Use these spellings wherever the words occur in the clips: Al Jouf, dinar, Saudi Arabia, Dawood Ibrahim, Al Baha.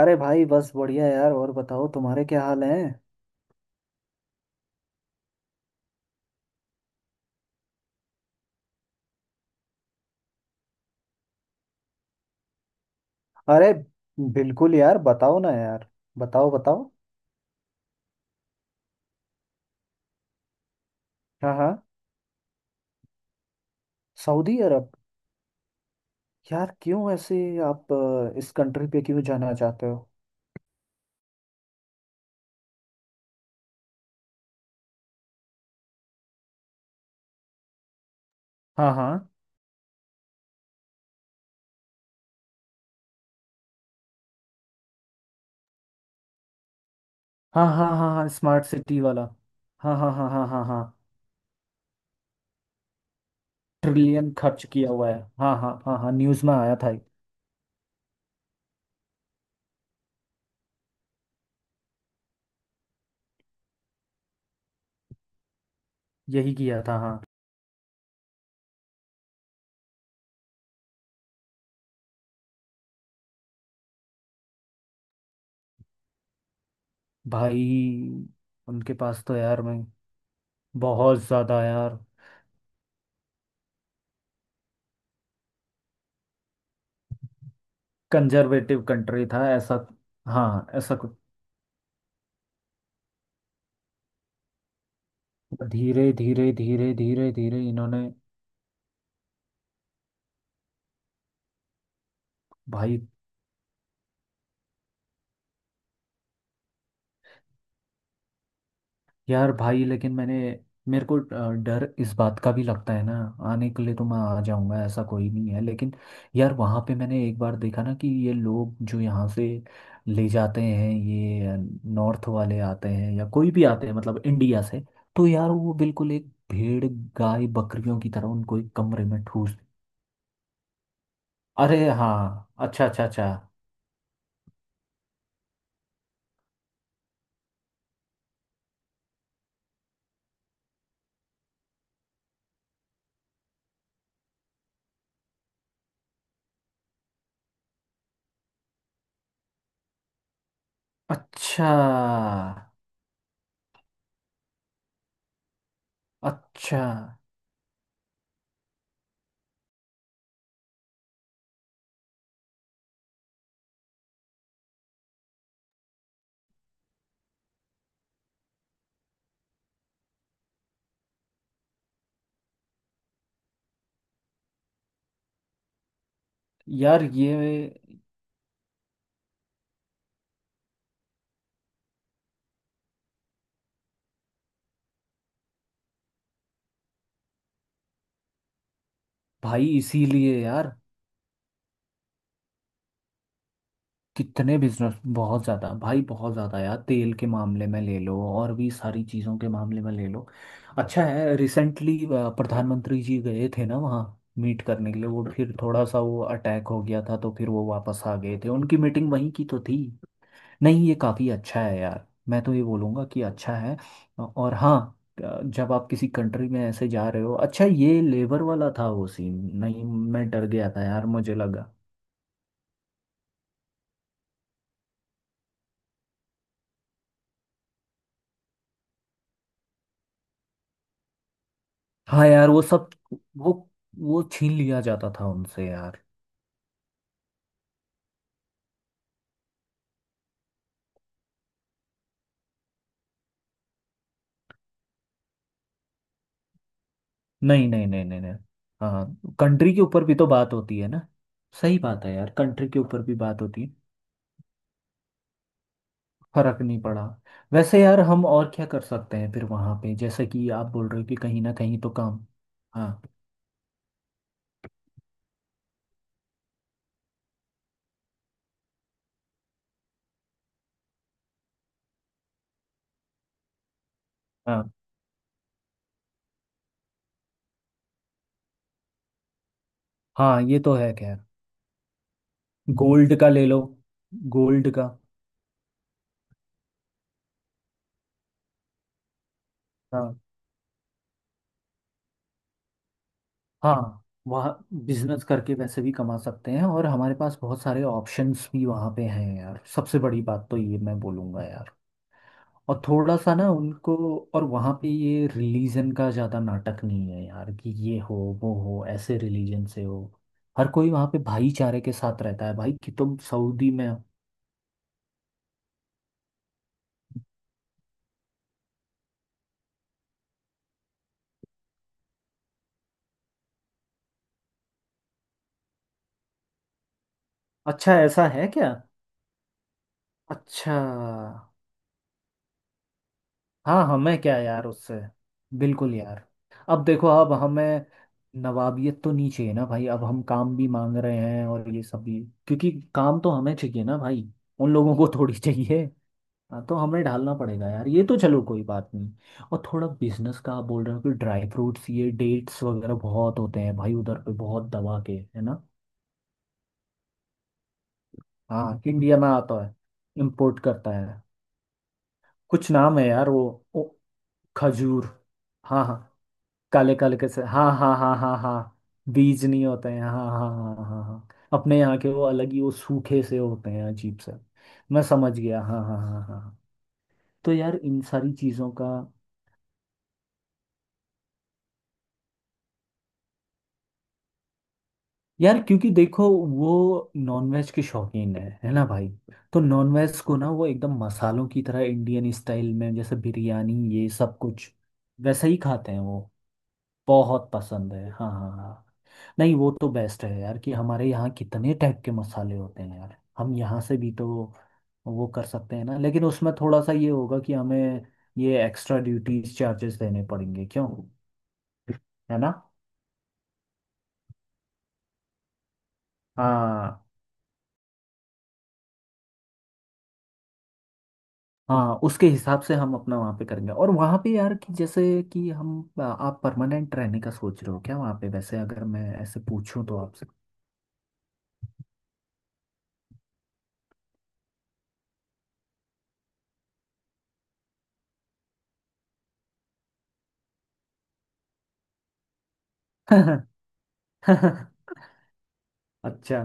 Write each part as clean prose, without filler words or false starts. अरे भाई, बस बढ़िया यार। और बताओ, तुम्हारे क्या हाल है। अरे बिल्कुल यार, बताओ ना यार। बताओ बताओ। हाँ हाँ, सऊदी अरब। यार क्यों ऐसे, आप इस कंट्री पे क्यों जाना चाहते हो। हाँ हाँ हाँ हाँ हाँ हाँ, स्मार्ट सिटी वाला। हाँ हाँ हाँ हाँ हाँ हाँ, ट्रिलियन खर्च किया हुआ है। हाँ हाँ हाँ हाँ, न्यूज़ में आया था। यही किया था, हाँ। भाई उनके पास तो, यार मैं। बहुत ज़्यादा यार। कंजर्वेटिव कंट्री था ऐसा। हाँ ऐसा कुछ। धीरे धीरे धीरे धीरे धीरे इन्होंने। भाई, यार भाई, लेकिन मैंने। मेरे को डर इस बात का भी लगता है ना। आने के लिए तो मैं आ जाऊंगा, ऐसा कोई नहीं है लेकिन। यार वहाँ पे मैंने एक बार देखा ना कि ये लोग जो यहाँ से ले जाते हैं ये। नॉर्थ वाले आते हैं या कोई भी आते हैं, मतलब इंडिया से। तो यार वो बिल्कुल एक भेड़, गाय, बकरियों की तरह उनको एक कमरे में ठूस। अरे हाँ, अच्छा अच्छा अच्छा। अच्छा अच्छा। यार ये, भाई इसीलिए यार। कितने बिजनेस, बहुत ज़्यादा भाई, बहुत ज़्यादा यार। तेल के मामले में ले लो, और भी सारी चीज़ों के मामले में ले लो। अच्छा है, रिसेंटली प्रधानमंत्री जी गए थे ना वहाँ, मीट करने के लिए। वो फिर थोड़ा सा वो अटैक हो गया था, तो फिर वो वापस आ गए थे। उनकी मीटिंग वहीं की तो थी। नहीं, ये काफ़ी अच्छा है यार। मैं तो ये बोलूँगा कि अच्छा है। और हाँ, जब आप किसी कंट्री में ऐसे जा रहे हो। अच्छा, ये लेबर वाला था वो सीन। नहीं, मैं डर गया था यार, मुझे लगा। हाँ यार वो सब, वो वो छीन लिया जाता था उनसे यार। नहीं नहीं नहीं नहीं नहीं। हाँ, कंट्री के ऊपर भी तो बात होती है ना। सही बात है यार, कंट्री के ऊपर भी बात होती है। फर्क नहीं पड़ा। वैसे यार, हम और क्या कर सकते हैं फिर वहाँ पे, जैसे कि आप बोल रहे हो कि कहीं ना कहीं तो काम। हाँ हाँ। हाँ। ये तो है खैर। गोल्ड का ले लो, गोल्ड का। हाँ। हाँ, वहाँ बिजनेस करके वैसे भी कमा सकते हैं, और हमारे पास बहुत सारे ऑप्शंस भी वहाँ पे हैं यार। सबसे बड़ी बात तो ये मैं बोलूँगा यार। और थोड़ा सा ना उनको, और वहाँ पे ये रिलीजन का ज़्यादा नाटक नहीं है यार कि ये हो वो हो, ऐसे रिलीजन से हो। हर कोई वहाँ पे भाईचारे के साथ रहता है भाई, कि तुम सऊदी में हो। अच्छा, ऐसा है क्या। अच्छा। हाँ, हमें क्या यार उससे। बिल्कुल यार। अब देखो, अब हमें नवाबियत तो नहीं चाहिए ना भाई। अब हम काम भी मांग रहे हैं और ये सब भी। क्योंकि काम तो हमें चाहिए ना भाई, उन लोगों को थोड़ी चाहिए। हाँ, तो हमें ढालना पड़ेगा यार, ये तो चलो कोई बात नहीं। और थोड़ा बिजनेस का आप बोल रहे हो कि ड्राई फ्रूट्स, ये डेट्स वगैरह बहुत होते हैं भाई उधर पे, बहुत दबा के है ना। हाँ, इंडिया में आता है, इम्पोर्ट करता है। कुछ नाम है यार, वो खजूर। हाँ हाँ, काले काले कैसे, हाँ हाँ हाँ हाँ हाँ। बीज नहीं होते हैं, हाँ हाँ हाँ हाँ हाँ हाँ। अपने यहाँ के वो अलग ही, वो सूखे से होते हैं, अजीब से। मैं समझ गया, हाँ हाँ हाँ हाँ। तो यार इन सारी चीज़ों का। यार क्योंकि देखो, वो नॉनवेज के शौकीन है ना भाई। तो नॉनवेज को ना, वो एकदम मसालों की तरह इंडियन स्टाइल में, जैसे बिरयानी, ये सब कुछ वैसे ही खाते हैं वो। बहुत पसंद है, हाँ हाँ हाँ। नहीं, वो तो बेस्ट है यार कि हमारे यहाँ कितने टाइप के मसाले होते हैं यार। हम यहाँ से भी तो वो कर सकते हैं ना। लेकिन उसमें थोड़ा सा ये होगा कि हमें ये एक्स्ट्रा ड्यूटीज चार्जेस देने पड़ेंगे क्यों। है ना। हाँ। हाँ, उसके हिसाब से हम अपना वहाँ पे करेंगे। और वहाँ पे यार, कि जैसे कि हम, आप परमानेंट रहने का सोच रहे हो क्या वहाँ पे, वैसे अगर मैं ऐसे पूछूं तो आपसे। अच्छा।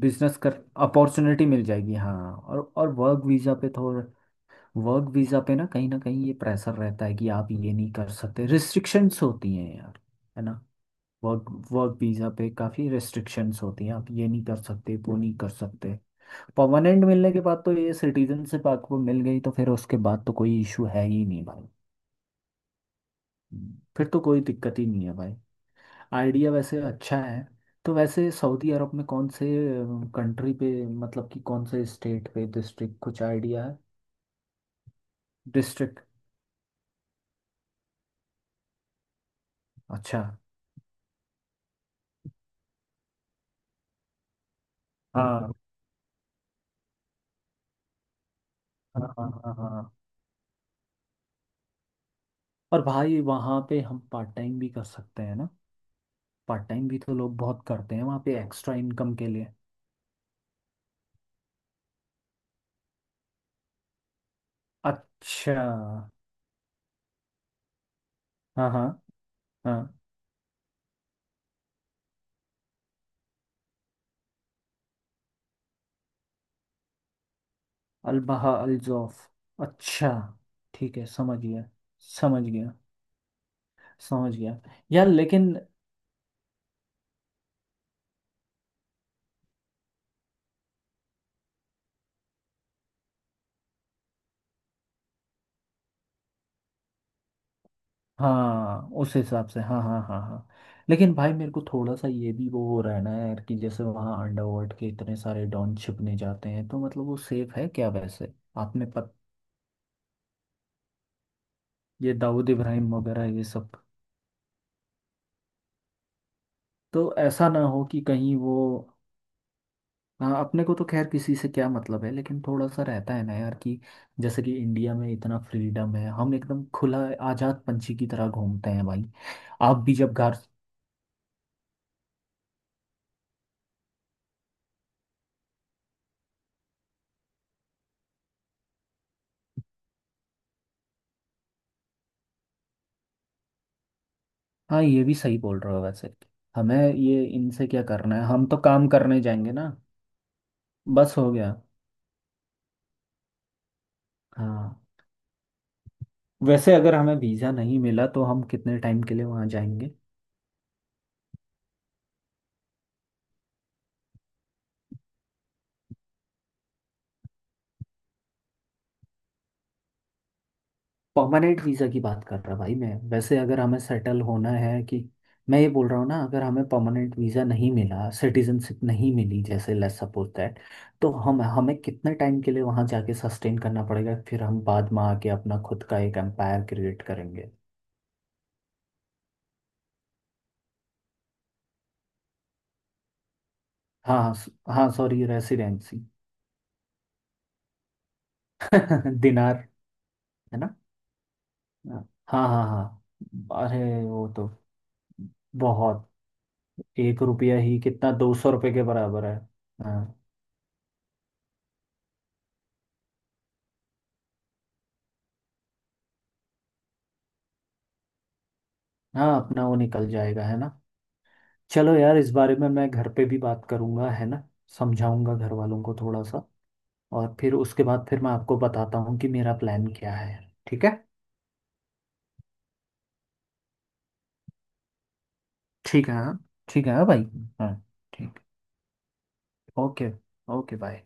बिजनेस कर, अपॉर्चुनिटी मिल जाएगी, हाँ। और वर्क वीज़ा पे थोड़ा, वर्क वीज़ा पे ना कहीं ये प्रेशर रहता है कि आप ये नहीं कर सकते, रिस्ट्रिक्शंस होती हैं यार। है ना। वर्क वर्क वीज़ा पे काफ़ी रिस्ट्रिक्शंस होती हैं, आप ये नहीं कर सकते, वो नहीं कर सकते। परमानेंट मिलने के बाद तो, ये सिटीजनशिप आपको मिल गई तो फिर उसके बाद तो कोई इशू है ही नहीं भाई। फिर तो कोई दिक्कत ही नहीं है भाई। आइडिया वैसे अच्छा है। तो वैसे सऊदी अरब में कौन से कंट्री पे, मतलब कि कौन से स्टेट पे, डिस्ट्रिक्ट कुछ आइडिया है। डिस्ट्रिक्ट। अच्छा। हाँ हाँ हाँ हाँ हाँ हाँ। और भाई वहाँ पे हम पार्ट टाइम भी कर सकते हैं ना। पार्ट टाइम भी तो लोग बहुत करते हैं वहाँ पे एक्स्ट्रा इनकम के लिए। अच्छा। हाँ हाँ हाँ। अलबहा अलजौफ। अच्छा। ठीक है, समझ गया। समझ गया। समझ गया। यार लेकिन। हाँ, उस हिसाब से, हाँ हाँ हाँ हाँ। लेकिन भाई मेरे को थोड़ा सा ये भी वो हो रहा है ना यार कि जैसे वहाँ अंडरवर्ल्ड के इतने सारे डॉन छिपने जाते हैं, तो मतलब वो सेफ है क्या वैसे। आपने पत, ये दाऊद इब्राहिम वगैरह ये सब। तो ऐसा ना हो कि कहीं वो। हाँ, अपने को तो खैर किसी से क्या मतलब है, लेकिन थोड़ा सा रहता है ना यार कि जैसे कि इंडिया में इतना फ्रीडम है, हम एकदम खुला आजाद पंछी की तरह घूमते हैं भाई। आप भी जब घर। हाँ, ये भी सही बोल रहे हो वैसे। हमें ये इनसे क्या करना है, हम तो काम करने जाएंगे ना। बस हो गया। हाँ। वैसे अगर हमें वीज़ा नहीं मिला तो हम कितने टाइम के लिए वहाँ जाएंगे। परमानेंट वीज़ा की बात कर रहा भाई मैं, वैसे अगर हमें सेटल होना है कि। मैं ये बोल रहा हूँ ना, अगर हमें परमानेंट वीज़ा नहीं मिला, सिटीजनशिप नहीं मिली, जैसे लेट्स सपोज दैट। तो हम, हमें कितने टाइम के लिए वहाँ जाके सस्टेन करना पड़ेगा, फिर हम बाद में आके अपना खुद का एक एम्पायर क्रिएट करेंगे। हाँ। हाँ सॉरी, रेसिडेंसी। दिनार, है ना। हाँ हाँ हाँ हाँ। अरे वो तो बहुत, एक रुपया ही कितना, 200 रुपये के बराबर है। हाँ। हाँ, अपना वो निकल जाएगा, है ना। चलो यार, इस बारे में मैं घर पे भी बात करूंगा, है ना। समझाऊंगा घर वालों को थोड़ा सा। और फिर उसके बाद फिर मैं आपको बताता हूँ कि मेरा प्लान क्या है। ठीक है। ठीक है हाँ। ठीक है हाँ भाई। हाँ। ठीक। ओके। Okay bye.